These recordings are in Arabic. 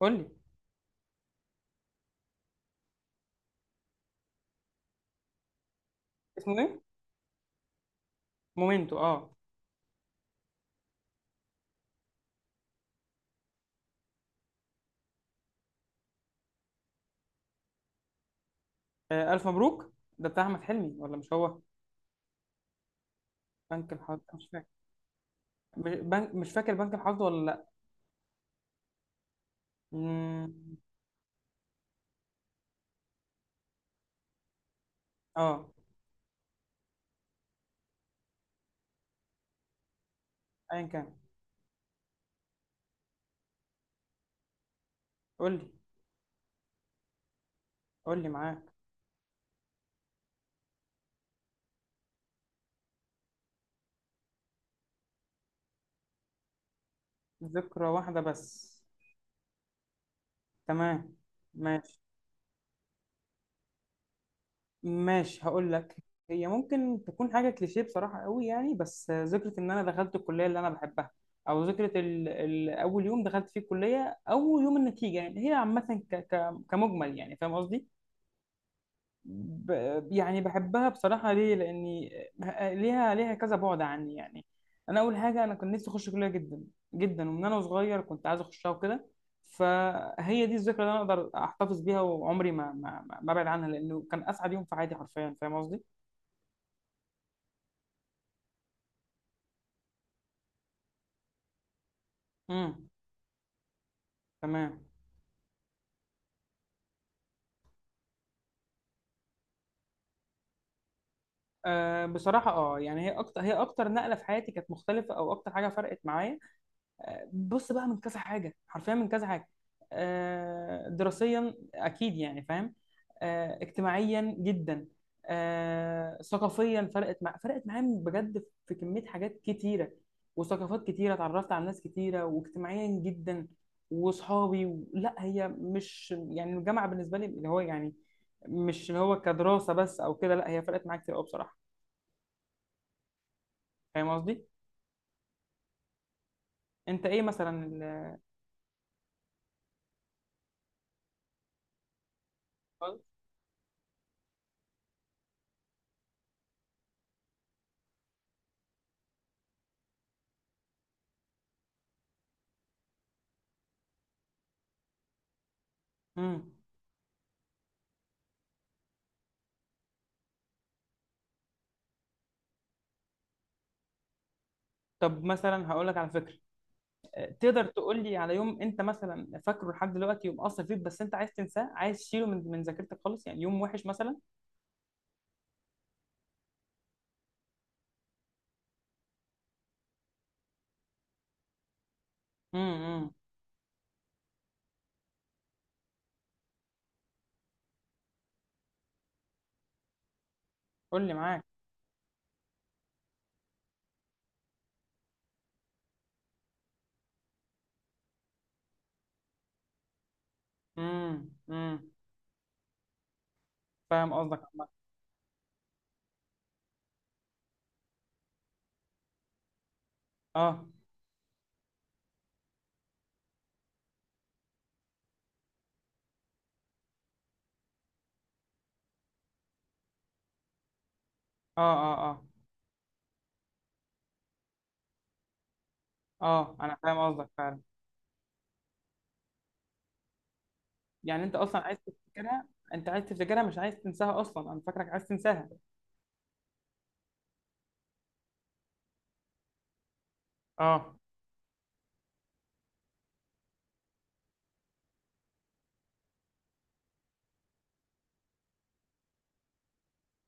قول لي. اسمه ايه؟ مومنتو، اه. الف مبروك. ده بتاع احمد حلمي ولا مش هو؟ بنك الحظ، مش فاكر. بنك، مش فاكر بنك الحظ ولا لا. مم. اه، ايا كان. قول لي، قول لي معاك ذكرى واحده بس. تمام. ماشي، ماشي هقول لك. هي ممكن تكون حاجه كليشيه بصراحه قوي، يعني بس ذكرى ان انا دخلت الكليه اللي انا بحبها. او ذكرى اول يوم دخلت فيه الكليه، اول يوم النتيجه، يعني هي عامه كمجمل، يعني فاهم قصدي. ب... يعني بحبها بصراحة، ليه؟ لأني ليها كذا، بعد عني يعني. أنا أول حاجة، أنا كان نفسي أخش كلية جدا جدا، ومن أنا صغير كنت عايز أخشها وكده. فهي دي الذكرى اللي أنا أقدر أحتفظ بيها وعمري ما أبعد عنها، لأنه كان أسعد يوم في حياتي حرفيا. فاهم قصدي؟ امم. تمام. أه بصراحة، أه يعني هي أكتر نقلة في حياتي كانت مختلفة، أو أكتر حاجة فرقت معايا. بص بقى، من كذا حاجه، حرفيا من كذا حاجه. دراسيا اكيد، يعني فاهم. اجتماعيا جدا. ثقافيا، فرقت معايا بجد في كميه حاجات كتيره، وثقافات كتيره، اتعرفت على ناس كتيره، واجتماعيا جدا، واصحابي لا، هي مش يعني الجامعه بالنسبه لي اللي هو يعني مش اللي هو كدراسه بس او كده، لا، هي فرقت معايا كتير قوي بصراحه. فاهم قصدي؟ انت ايه مثلا مم. طب مثلا هقول لك على فكره، تقدر تقول لي على يوم انت مثلا فاكره لحد دلوقتي، يوم اثر فيك بس انت عايز تنساه، عايز تشيله من ذاكرتك خالص، يعني يوم وحش مثلا. امم. قول لي معاك. امم، امم. فاهم قصدك عامة. اه، اه، اه. اه. اه انا فاهم قصدك فعلا. يعني انت اصلا عايز تفتكرها. انت عايز تفتكرها، مش عايز تنساها اصلا، انا فاكرك عايز تنساها. اه،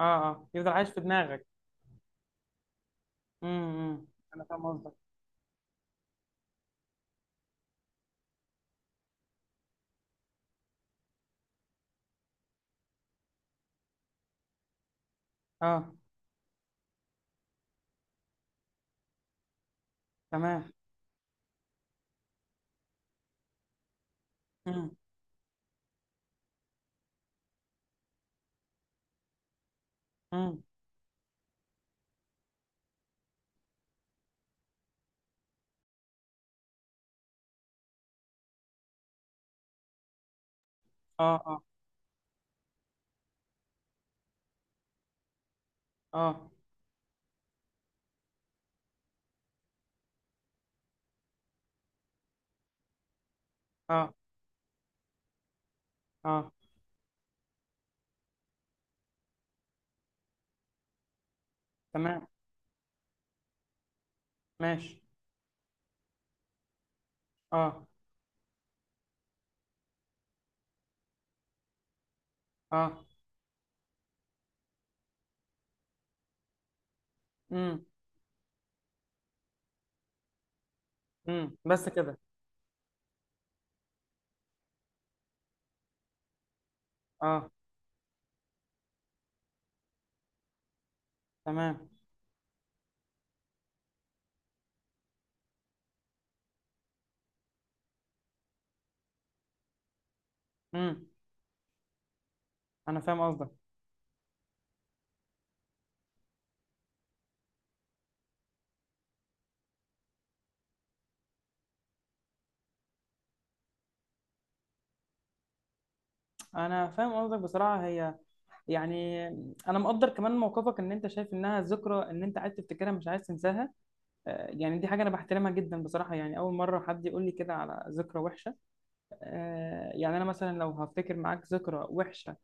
اه. اه، يفضل عايش في دماغك. امم، انا فاهم قصدك. اه. تمام. امم، امم. اه، اه، اه، اه، اه. تمام. ماشي. اه، اه. امم، امم. بس كده. اه. تمام. امم. انا فاهم قصدك. انا فاهم قصدك بصراحه. هي يعني انا مقدر كمان موقفك، ان انت شايف انها ذكرى، ان انت عايز تفتكرها مش عايز تنساها. يعني دي حاجه انا بحترمها جدا بصراحه، يعني اول مره حد يقول لي كده على ذكرى وحشه. يعني انا مثلا لو هفتكر معاك ذكرى وحشه،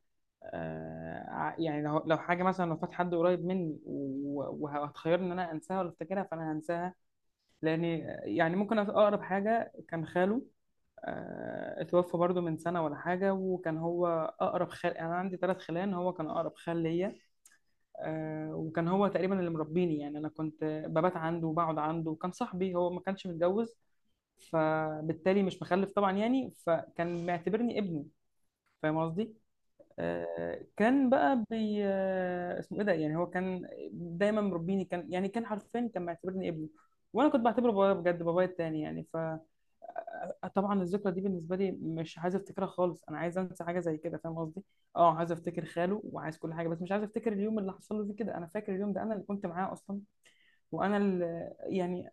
يعني لو حاجه مثلا، لو فات حد قريب مني وهتخيرني ان انا انساها ولا افتكرها، فانا هنساها. لان يعني ممكن اقرب حاجه كان خاله. اتوفى برضو من سنة ولا حاجة، وكان هو أقرب خال. يعني أنا عندي ثلاث خلان، هو كان أقرب خال ليا. وكان هو تقريبا اللي مربيني، يعني أنا كنت ببات عنده وبقعد عنده وكان صاحبي، هو ما كانش متجوز فبالتالي مش مخلف طبعا، يعني فكان معتبرني ابني. فاهم قصدي؟ كان بقى بي اسمه ايه ده، يعني هو كان دايما مربيني، كان يعني، كان حرفيا كان معتبرني ابنه، وانا كنت بعتبره بابايا، بجد بابايا التاني يعني، ف طبعا الذكرى دي بالنسبه لي مش عايزه افتكرها خالص، انا عايزه انسى حاجه زي كده. فاهم قصدي؟ اه، عايزه افتكر خاله وعايز كل حاجه، بس مش عايزه افتكر اليوم اللي حصل له فيه كده. انا فاكر اليوم ده، انا اللي كنت معاه اصلا. وانا اللي يعني،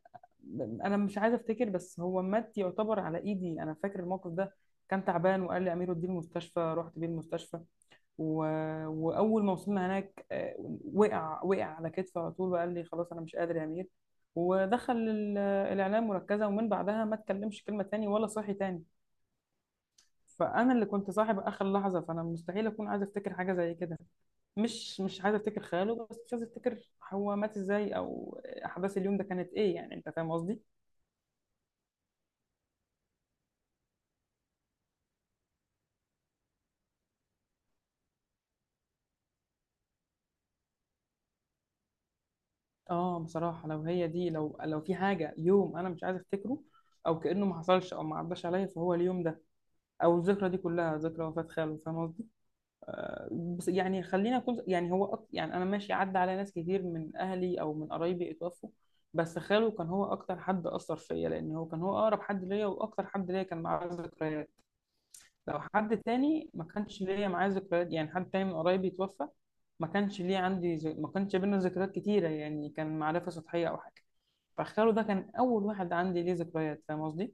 انا مش عايزه افتكر بس هو مات يعتبر على ايدي. انا فاكر الموقف ده، كان تعبان وقال لي امير وديه المستشفى، رحت بيه المستشفى و... واول ما وصلنا هناك وقع، وقع على كتفي على طول، وقال لي خلاص انا مش قادر يا امير. ودخل الاعلام مركزه، ومن بعدها ما اتكلمش كلمه تاني ولا صاحي تاني. فانا اللي كنت صاحب اخر لحظه، فانا مستحيل اكون عايزه افتكر حاجه زي كده. مش عايزه افتكر خياله، بس مش عايزه افتكر هو مات ازاي، او احداث اليوم ده كانت ايه، يعني انت فاهم قصدي. اه، بصراحه لو هي دي، لو في حاجه يوم انا مش عايزه افتكره، او كانه ما حصلش او ما عداش عليا، فهو اليوم ده، او الذكرى دي كلها ذكرى وفاه خاله. فاهم قصدي؟ بس يعني خلينا اكون، يعني هو يعني انا ماشي، عدى على ناس كتير من اهلي او من قرايبي اتوفوا، بس خاله كان هو اكتر حد اثر فيا، لان هو كان، هو اقرب حد ليا واكتر حد ليا كان معاه ذكريات. لو حد تاني ما كانش ليا معاه ذكريات، يعني حد تاني من قرايبي اتوفى، ما كانش ليه عندي ما كانش بينا ذكريات كتيره، يعني كان معرفه سطحيه او حاجه. فخاله ده كان اول واحد عندي ليه ذكريات. فاهم قصدي؟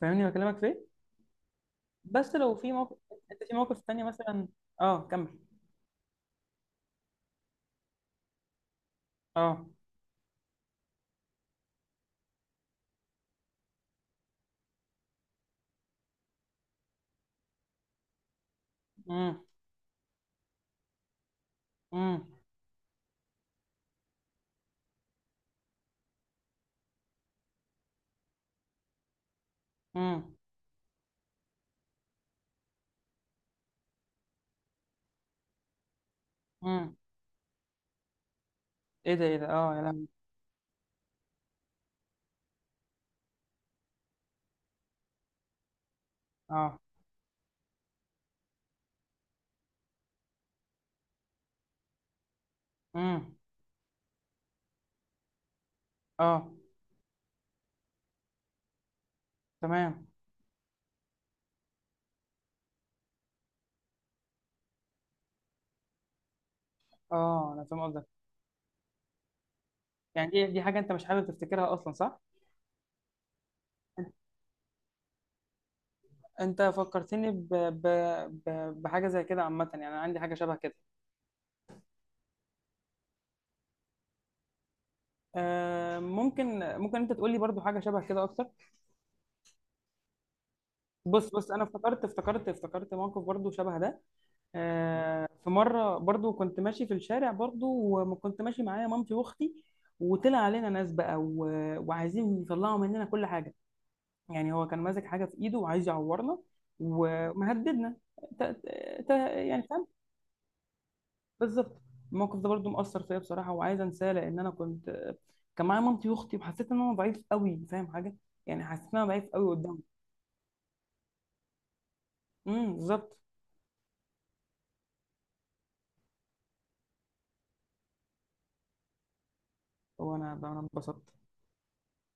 فاهمني بكلمك في إيه؟ بس لو في موقف، انت في موقف تاني مثلا. اه، كمل. اه. امم، امم، امم، امم. ايه ده، ايه ده، اه يا لهوي. اه. امم. اه. تمام. اه، انا فاهم قصدك. يعني دي حاجه انت مش حابب تفتكرها اصلا، صح؟ انت فكرتني ب... بحاجه زي كده عامه، يعني انا عندي حاجه شبه كده. ممكن، انت تقول لي برضو حاجه شبه كده اكتر. بص بص، انا افتكرت موقف برضو شبه ده. في مره برضو كنت ماشي في الشارع برضو، وكنت ماشي معايا مامتي واختي، وطلع علينا ناس بقى وعايزين يطلعوا مننا كل حاجه. يعني هو كان ماسك حاجه في ايده وعايز يعورنا ومهددنا. ت... ت... يعني فاهم؟ بالظبط. الموقف ده برضو مؤثر فيا بصراحه، وعايزه انساه، لان انا كنت، كان معايا مامتي واختي، وحسيت ان انا ضعيف قوي. فاهم حاجه؟ يعني حسيت ان انا ضعيف قوي قدامه. امم، بالظبط. هو انا انبسطت.